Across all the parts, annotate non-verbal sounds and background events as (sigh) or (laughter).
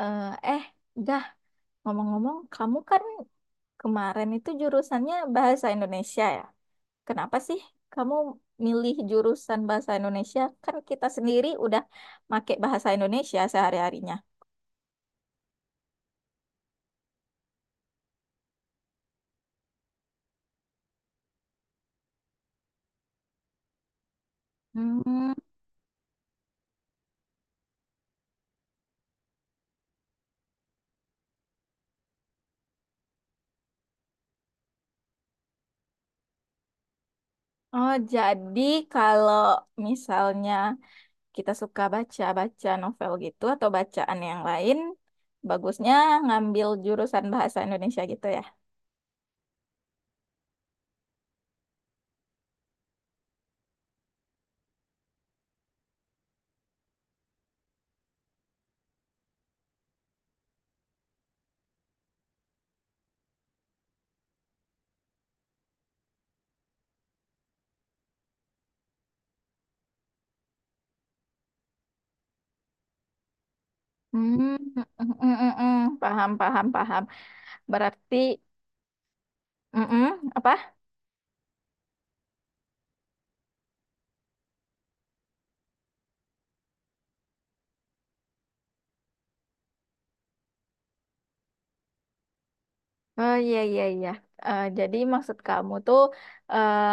Eh, eh, Dah, ngomong-ngomong, kamu kan kemarin itu jurusannya bahasa Indonesia ya? Kenapa sih kamu milih jurusan bahasa Indonesia? Kan kita sendiri udah make bahasa Indonesia sehari-harinya. Hmm. Oh, jadi kalau misalnya kita suka baca-baca novel gitu atau bacaan yang lain, bagusnya ngambil jurusan bahasa Indonesia gitu ya? Hmm, mm, mm, mm, mm. Paham, paham, paham. Berarti. Mm-mm, apa? Oh, iya, iya, iya. Jadi maksud kamu tuh, eh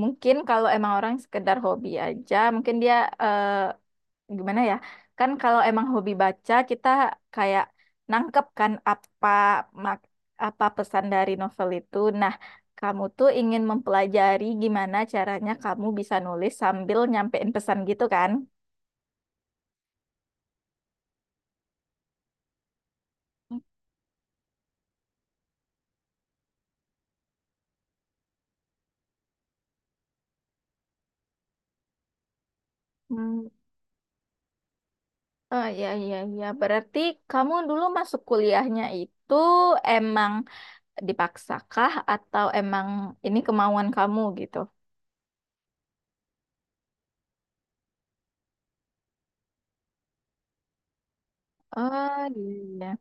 mungkin kalau emang orang sekedar hobi aja, mungkin dia, eh gimana ya? Kan kalau emang hobi baca, kita kayak nangkep kan apa, mak- apa pesan dari novel itu. Nah, kamu tuh ingin mempelajari gimana caranya kamu bisa nulis sambil nyampein pesan gitu kan? Hmm. Oh, iya, iya, iya. Berarti kamu dulu masuk kuliahnya itu emang dipaksakah atau emang ini kemauan kamu gitu? Oh iya, iya.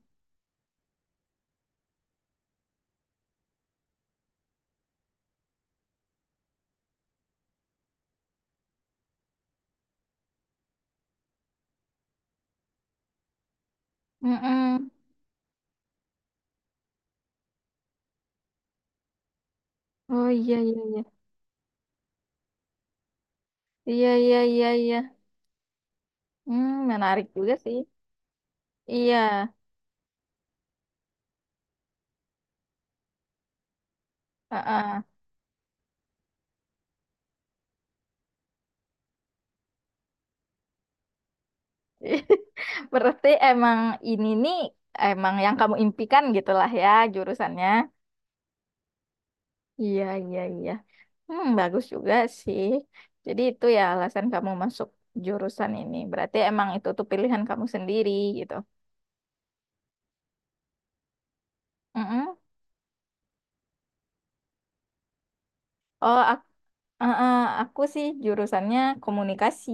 Mm-mm. Oh, iya, iya, iya. Iya, iya, iya, iya. Hmm, menarik juga sih. Iya. Heeh. (laughs) Berarti emang ini nih emang yang kamu impikan gitulah ya jurusannya. Iya, iya, iya. Hmm, bagus juga sih. Jadi itu ya alasan kamu masuk jurusan ini. Berarti emang itu tuh pilihan kamu sendiri gitu. Mm-mm. Oh, Eh, eh, aku sih jurusannya komunikasi.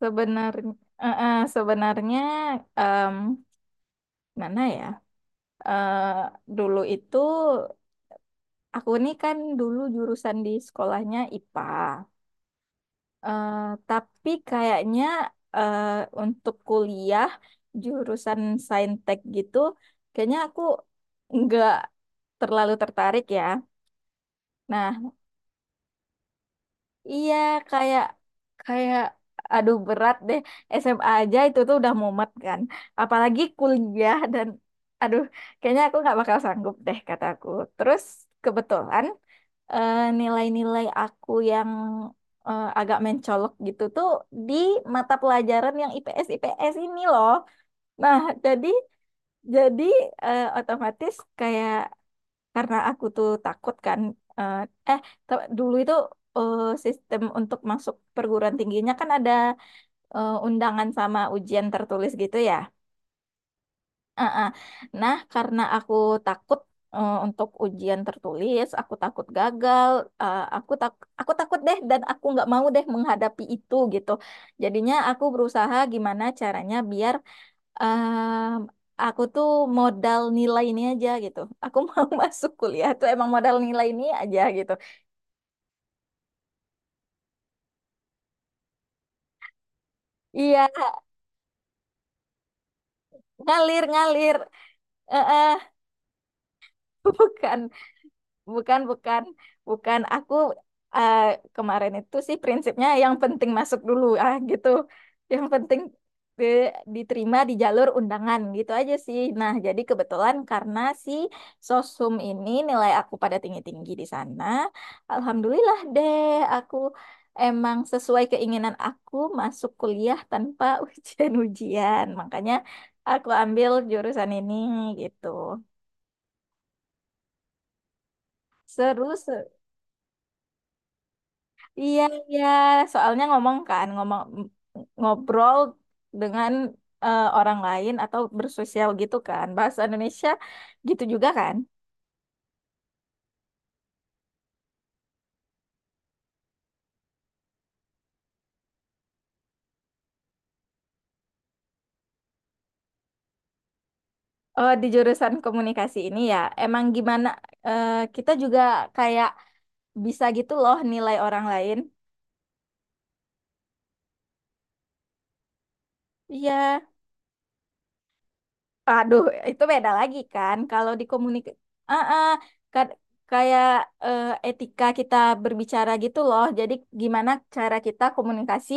Sebenarnya, sebenarnya em, mana ya? Eh, Dulu itu aku nih kan dulu jurusan di sekolahnya IPA. Eh, tapi kayaknya, eh, untuk kuliah jurusan saintek gitu, kayaknya aku nggak terlalu tertarik ya. Nah, iya, kayak kayak aduh berat deh. SMA aja itu tuh udah mumet kan. Apalagi kuliah dan aduh kayaknya aku nggak bakal sanggup deh kataku. Terus kebetulan, nilai-nilai aku yang, agak mencolok gitu tuh di mata pelajaran yang IPS IPS ini loh. Nah, jadi jadi, otomatis kayak karena aku tuh takut kan, eh eh, dulu itu, sistem untuk masuk perguruan tingginya kan ada, undangan sama ujian tertulis gitu ya. Ah, ah. Nah, karena aku takut, untuk ujian tertulis aku takut gagal, eh, aku tak aku takut deh dan aku nggak mau deh menghadapi itu gitu, jadinya aku berusaha gimana caranya biar, Em, aku tuh modal nilai ini aja gitu. Aku (laughs) mau masuk kuliah tuh emang modal nilai ini aja gitu. Iya, ngalir ngalir. Eh, eh, (laughs) Bukan. Bukan, bukan, bukan. Aku, eh, kemarin itu sih prinsipnya yang penting masuk dulu ah gitu. Yang penting di- diterima di jalur undangan gitu aja sih. Nah, jadi kebetulan karena si sosum ini nilai aku pada tinggi-tinggi di sana. Alhamdulillah deh, aku emang sesuai keinginan aku masuk kuliah tanpa (laughs) ujian-ujian. Makanya aku ambil jurusan ini gitu. Seru, seru. Iya, iya. Soalnya ngomong kan, ngobrol dengan, orang lain atau bersosial gitu kan. Bahasa Indonesia gitu juga kan. Oh, di jurusan komunikasi ini ya, emang gimana, kita juga kayak bisa gitu loh nilai orang lain. Iya. Aduh, itu beda lagi kan. Ah, ah, ka- kayak, etika kita berbicara gitu loh. Jadi gimana cara kita komunikasi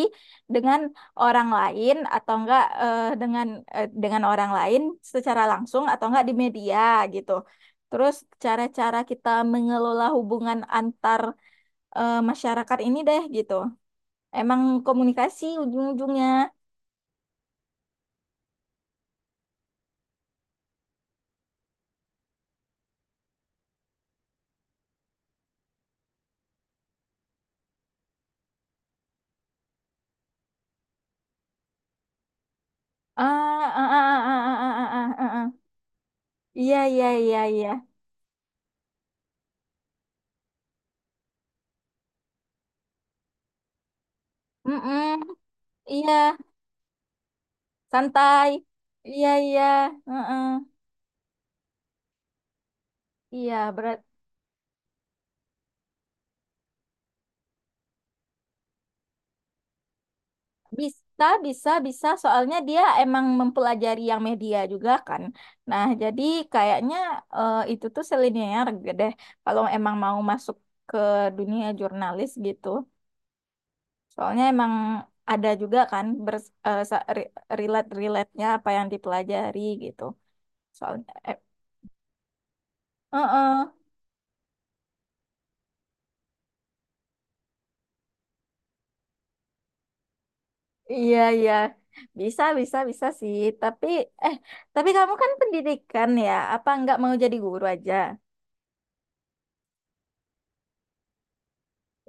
dengan orang lain atau enggak, dengan orang lain secara langsung atau enggak di media gitu. Terus cara-cara kita mengelola hubungan antar, masyarakat ini deh gitu. Emang komunikasi ujung-ujungnya. Ah, ah, ah, ah, ah, ah, ah, ah, ah. Iya, iya, iya, iya. Mm-mm, iya, santai. Iya, iya. Mm-mm. Iya, berat. Bisa, bisa, bisa. Soalnya dia emang mempelajari yang media juga kan. Nah, jadi kayaknya, itu tuh selinier deh. Kalau emang mau masuk ke dunia jurnalis gitu. Soalnya emang ada juga kan, relate-relate-nya apa yang dipelajari gitu. Soalnya, mm-mm. Iya, iya. Bisa, bisa, bisa sih. Tapi, eh, tapi, kamu kan pendidikan ya. Apa nggak mau jadi guru aja?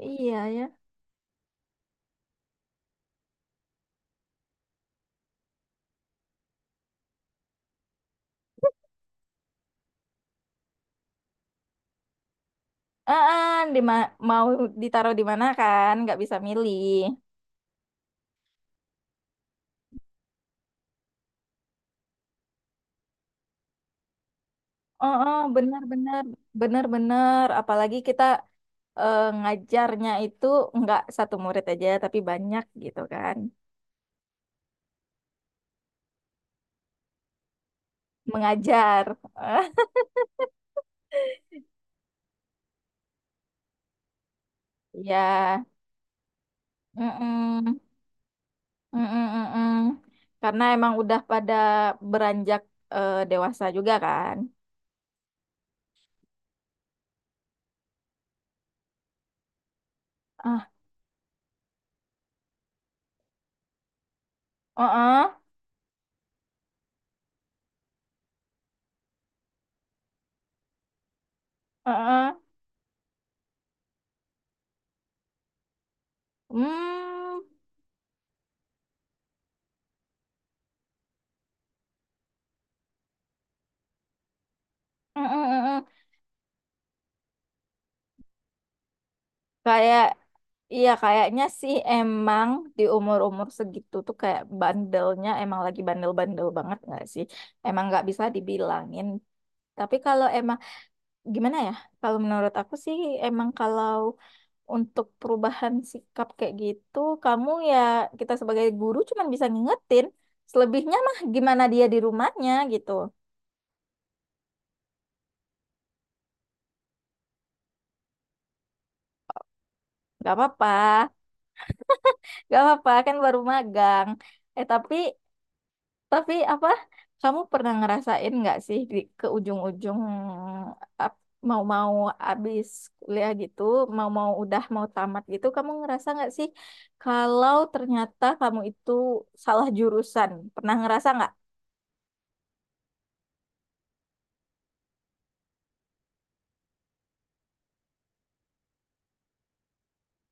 Iya, ya. Ah, ah, mau ditaruh di mana kan? Nggak bisa milih. Oh, oh, benar-benar, benar-benar. Apalagi kita, ngajarnya itu nggak satu murid aja, tapi banyak gitu kan. Mengajar. (laughs) Iya. Mm. Mm-mm-mm. Karena emang udah pada beranjak, dewasa juga kan. Ah, uh Kayak, iya kayaknya sih emang di umur-umur segitu tuh kayak bandelnya emang lagi bandel-bandel banget nggak sih? Emang nggak bisa dibilangin. Tapi kalau emang gimana ya? Kalau menurut aku sih emang kalau untuk perubahan sikap kayak gitu, kamu ya kita sebagai guru cuman bisa ngingetin, selebihnya mah gimana dia di rumahnya gitu. Gak apa-apa, gak apa-apa kan baru magang. Eh tapi tapi apa? Kamu pernah ngerasain nggak sih ke ujung-ujung, ap- mau-mau abis kuliah gitu, mau-mau udah mau tamat gitu, kamu ngerasa nggak sih kalau ternyata kamu itu salah jurusan? Pernah ngerasa nggak?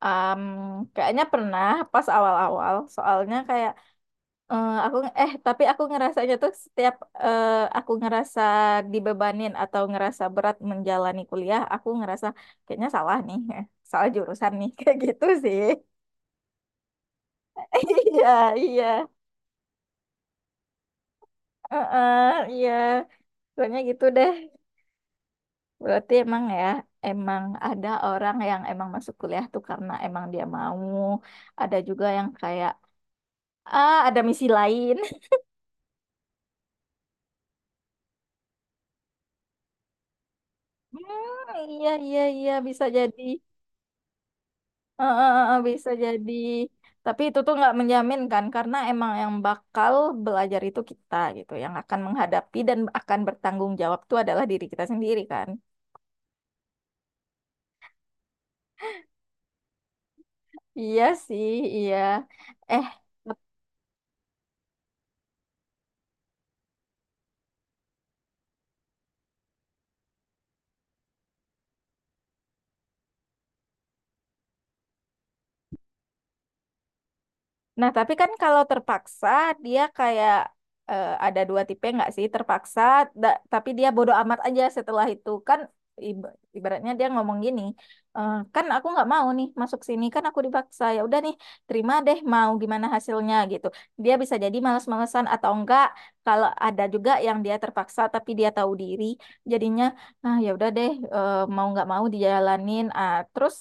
Am, Kayaknya pernah pas awal-awal, soalnya kayak, eh, aku eh tapi aku ngerasanya tuh setiap, eh, aku ngerasa dibebanin atau ngerasa berat menjalani kuliah, aku ngerasa kayaknya salah nih, salah jurusan nih (laughs) kayak gitu sih. (laughs) Iya, iya. Heeh, iya, soalnya gitu deh. Berarti emang ya, emang ada orang yang emang masuk kuliah tuh karena emang dia mau, ada juga yang kayak ah ada misi lain. Iya, iya, iya, bisa jadi. Bisa jadi. Tapi itu tuh nggak menjamin kan, karena emang yang bakal belajar itu kita gitu, yang akan menghadapi dan akan bertanggung jawab tuh adalah diri kita sendiri kan. Iya sih, iya. Eh, Nah, tapi kan kalau terpaksa dia kayak, ada dua tipe nggak sih? Terpaksa, tapi dia bodoh amat aja setelah itu kan, ibaratnya dia ngomong gini, Kan aku nggak mau nih masuk sini kan aku dipaksa ya udah nih terima deh mau gimana hasilnya gitu." Dia bisa jadi malas-malesan atau enggak. Kalau ada juga yang dia terpaksa tapi dia tahu diri, jadinya ah ya udah deh, mau nggak mau dijalanin. Ah, terus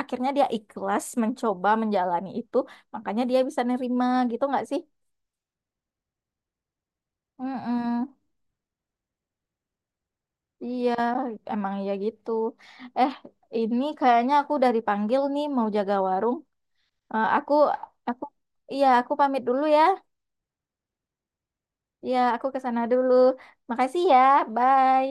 akhirnya dia ikhlas mencoba menjalani itu. Makanya dia bisa nerima gitu nggak sih? Mm-mm. Iya, emang ya gitu. Eh, ini kayaknya aku udah dipanggil nih mau jaga warung. Eh, aku, aku, iya, aku pamit dulu ya. Iya, aku ke sana dulu. Makasih ya, bye.